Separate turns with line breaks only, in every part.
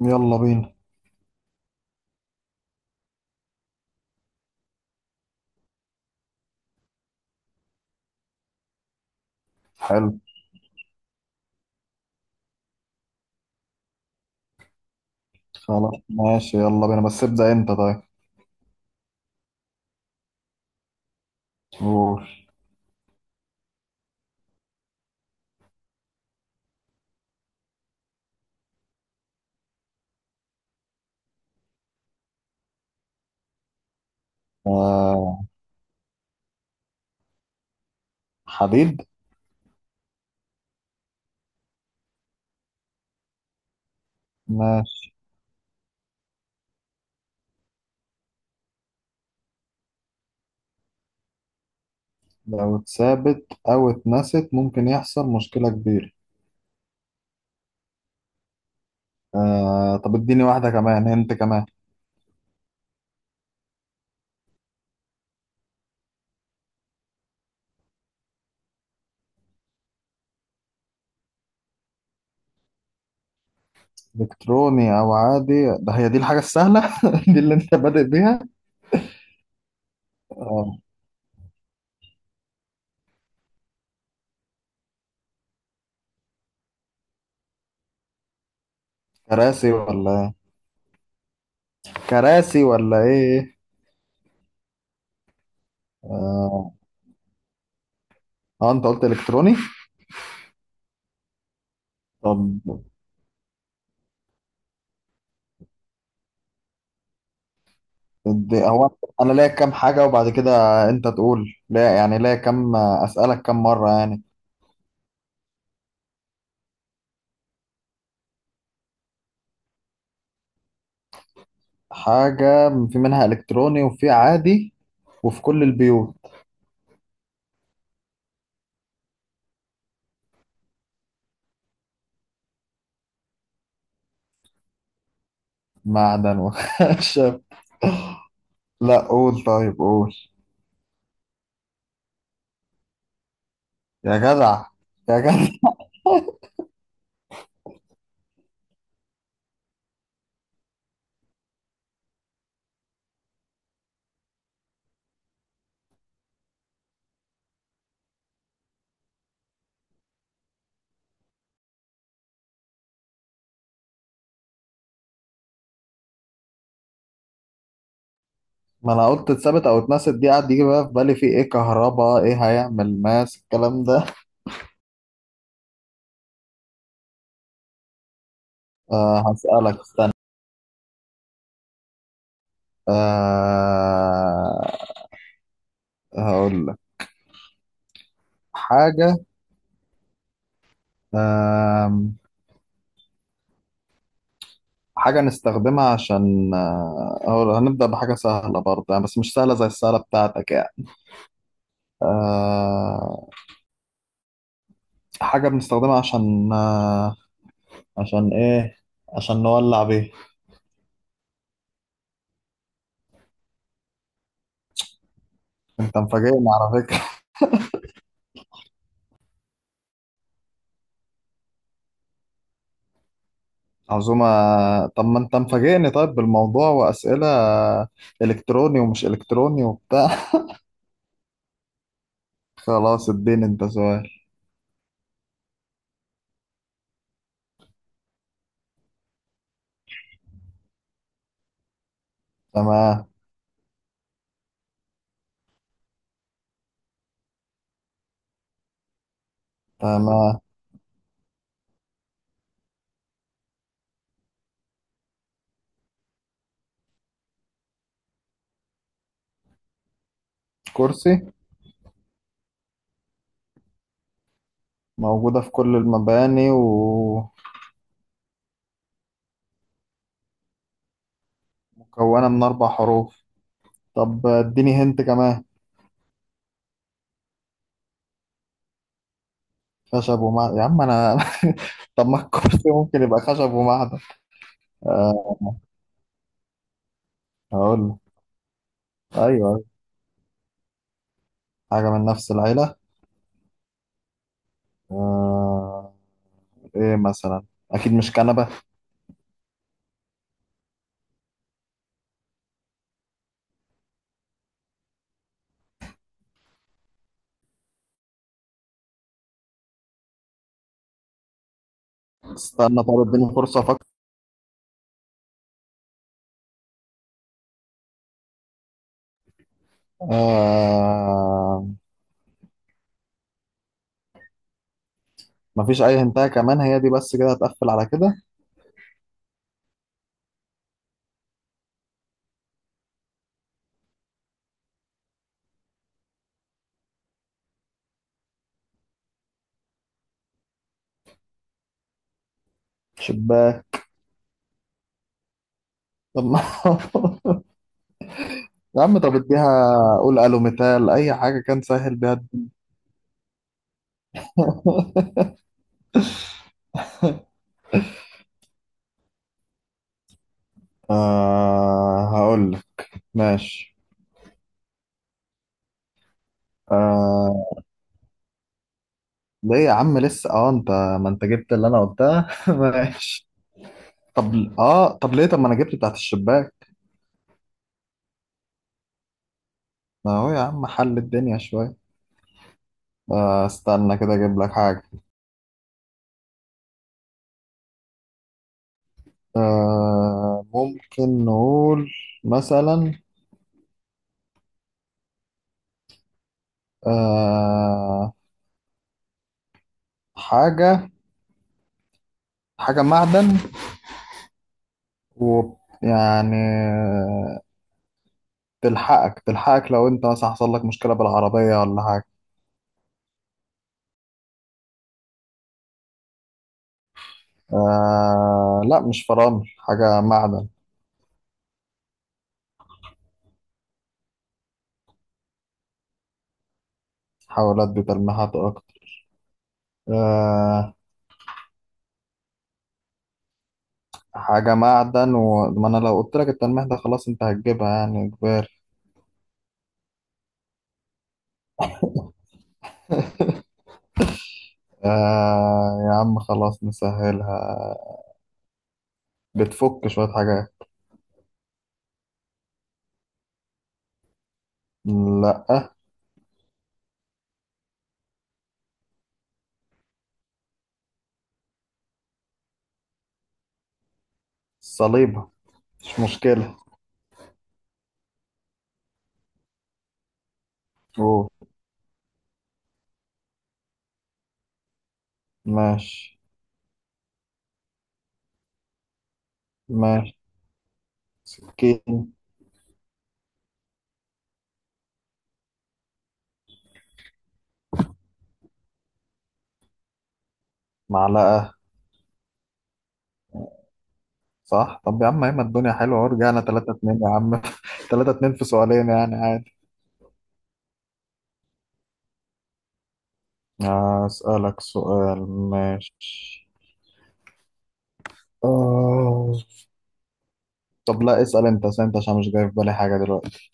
يلا بينا. حلو. خلاص ماشي، يلا بينا، بس ابدأ انت. طيب قول. آه، حديد. ماشي. لو اتثابت او اتنست ممكن يحصل مشكلة كبيرة. آه طب اديني واحدة كمان، انت كمان. الكتروني او عادي؟ ده هي دي الحاجة السهلة؟ دي اللي انت بادئ بيها. آه. كراسي ولا إيه؟ كراسي ولا ايه. آه، اه انت قلت الكتروني. طب هو انا ليا كام حاجه وبعد كده انت تقول لا، يعني ليا كام، اسالك كام مره يعني. حاجه في منها الكتروني وفي عادي، وفي كل البيوت. معدن وخشب؟ لا، قول طيب، قول. يا جدع. يا جدع. ما انا قلت اتثبت او اتنست، دي قعد يجي بقى في بالي في ايه، كهرباء، ايه هيعمل ماس، الكلام ده. أه هسألك، استنى. أه هقول لك حاجة. أه، حاجة نستخدمها عشان آه، أو هنبدأ بحاجة سهلة برضه يعني، بس مش سهلة زي السهلة بتاعتك يعني. أه، حاجة بنستخدمها عشان أه، عشان إيه، عشان نولع بيه. أنت مفاجئني على فكرة. عزومة. طب ما أنت مفاجئني طيب بالموضوع وأسئلة، إلكتروني ومش إلكتروني وبتاع. خلاص اديني أنت سؤال. تمام. تمام. كرسي. موجودة في كل المباني ومكونة من أربع حروف. طب اديني هنت كمان. خشب ومعدن، يا عم انا. طب ما الكرسي ممكن يبقى خشب ومعدن. آه هقول لك. ايوه، أيوة. حاجه من نفس العيله. آه. ايه مثلا؟ اكيد مش كنبه. استنى طب اديني فرصه افكر. آه. مفيش اي هنتايه كمان؟ هي دي بس كده، هتقفل على كده. شباك. طب ما يا عم طب اديها، قول الو مثال اي حاجه كان سهل بيها. آه هقول لك. ماشي. آه، ليه يا عم لسه؟ اه انت، ما انت جبت اللي انا قلتها. ماشي. طب اه، طب ليه، طب ما انا جبت بتاعت الشباك. ما هو يا عم، حل الدنيا شوية. آه استنى كده اجيب لك حاجة. آه ممكن نقول مثلا، آه، حاجة. حاجة معدن، و، يعني تلحقك لو انت مثلا حصل لك مشكلة بالعربية ولا حاجة. آه لا، مش فرامل، حاجة معدن. حاول ادي تلميحات اكتر. آه حاجة معدن، وما أنا لو قلت لك التلميح ده خلاص أنت هتجيبها يعني إجباري. آه يا عم خلاص، نسهلها، بتفك شوية حاجات. لأ. صليبة، مش مشكلة. أوه. ماشي. ماشي. سكين. معلقة. صح. طب يا عم أيمن، الدنيا حلوة ورجعنا تلاتة اتنين يا عم. تلاتة اتنين في سؤالين يعني عادي. آه، أسألك سؤال، ماشي. آه. طب لا، اسأل أنت، اسأل أنت عشان مش جاي في بالي حاجة دلوقتي.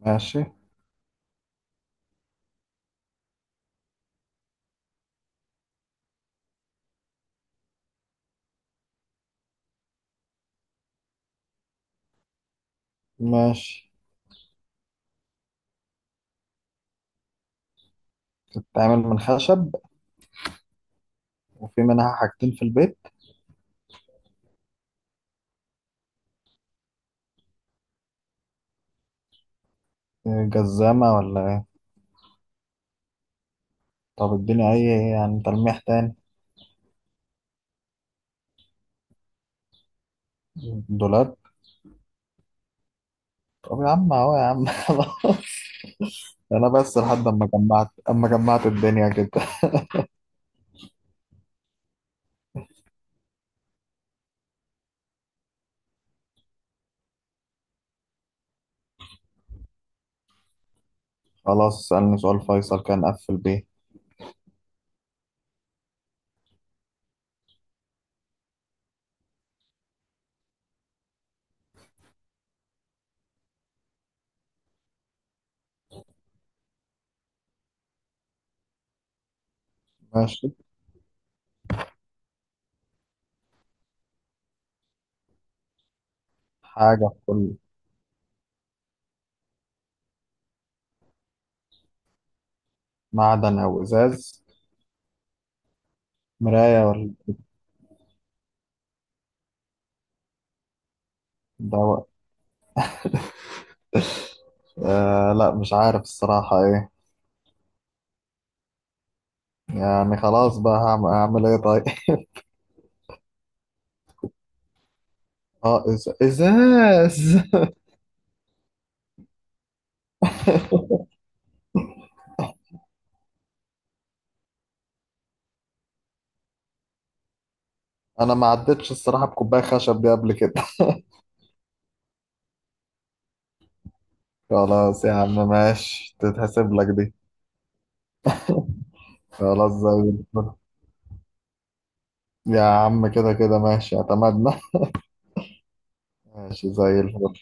ماشي. ماشي. بتتعمل من خشب. وفي منها حاجتين في البيت. آه، جزامة ولا ايه؟ طب اديني اي يعني تلميح تاني. دولاب. طب يا عم اهو يا عم. انا بس لحد اما جمعت الدنيا كده. خلاص اسألني سؤال فيصل، كان قفل بيه. ماشي. حاجة في كل، معدن او ازاز. مراية ولا. دواء. آه لا، مش عارف الصراحة ايه. يعني خلاص بقى، هعمل ايه طيب؟ اه ازاز. انا ما عدتش الصراحة بكوباية خشب دي قبل كده. خلاص يا عم ماشي، تتحسب لك دي. خلاص زي الفل. يا عم كده كده ماشي، اعتمدنا. ماشي. زي الفل.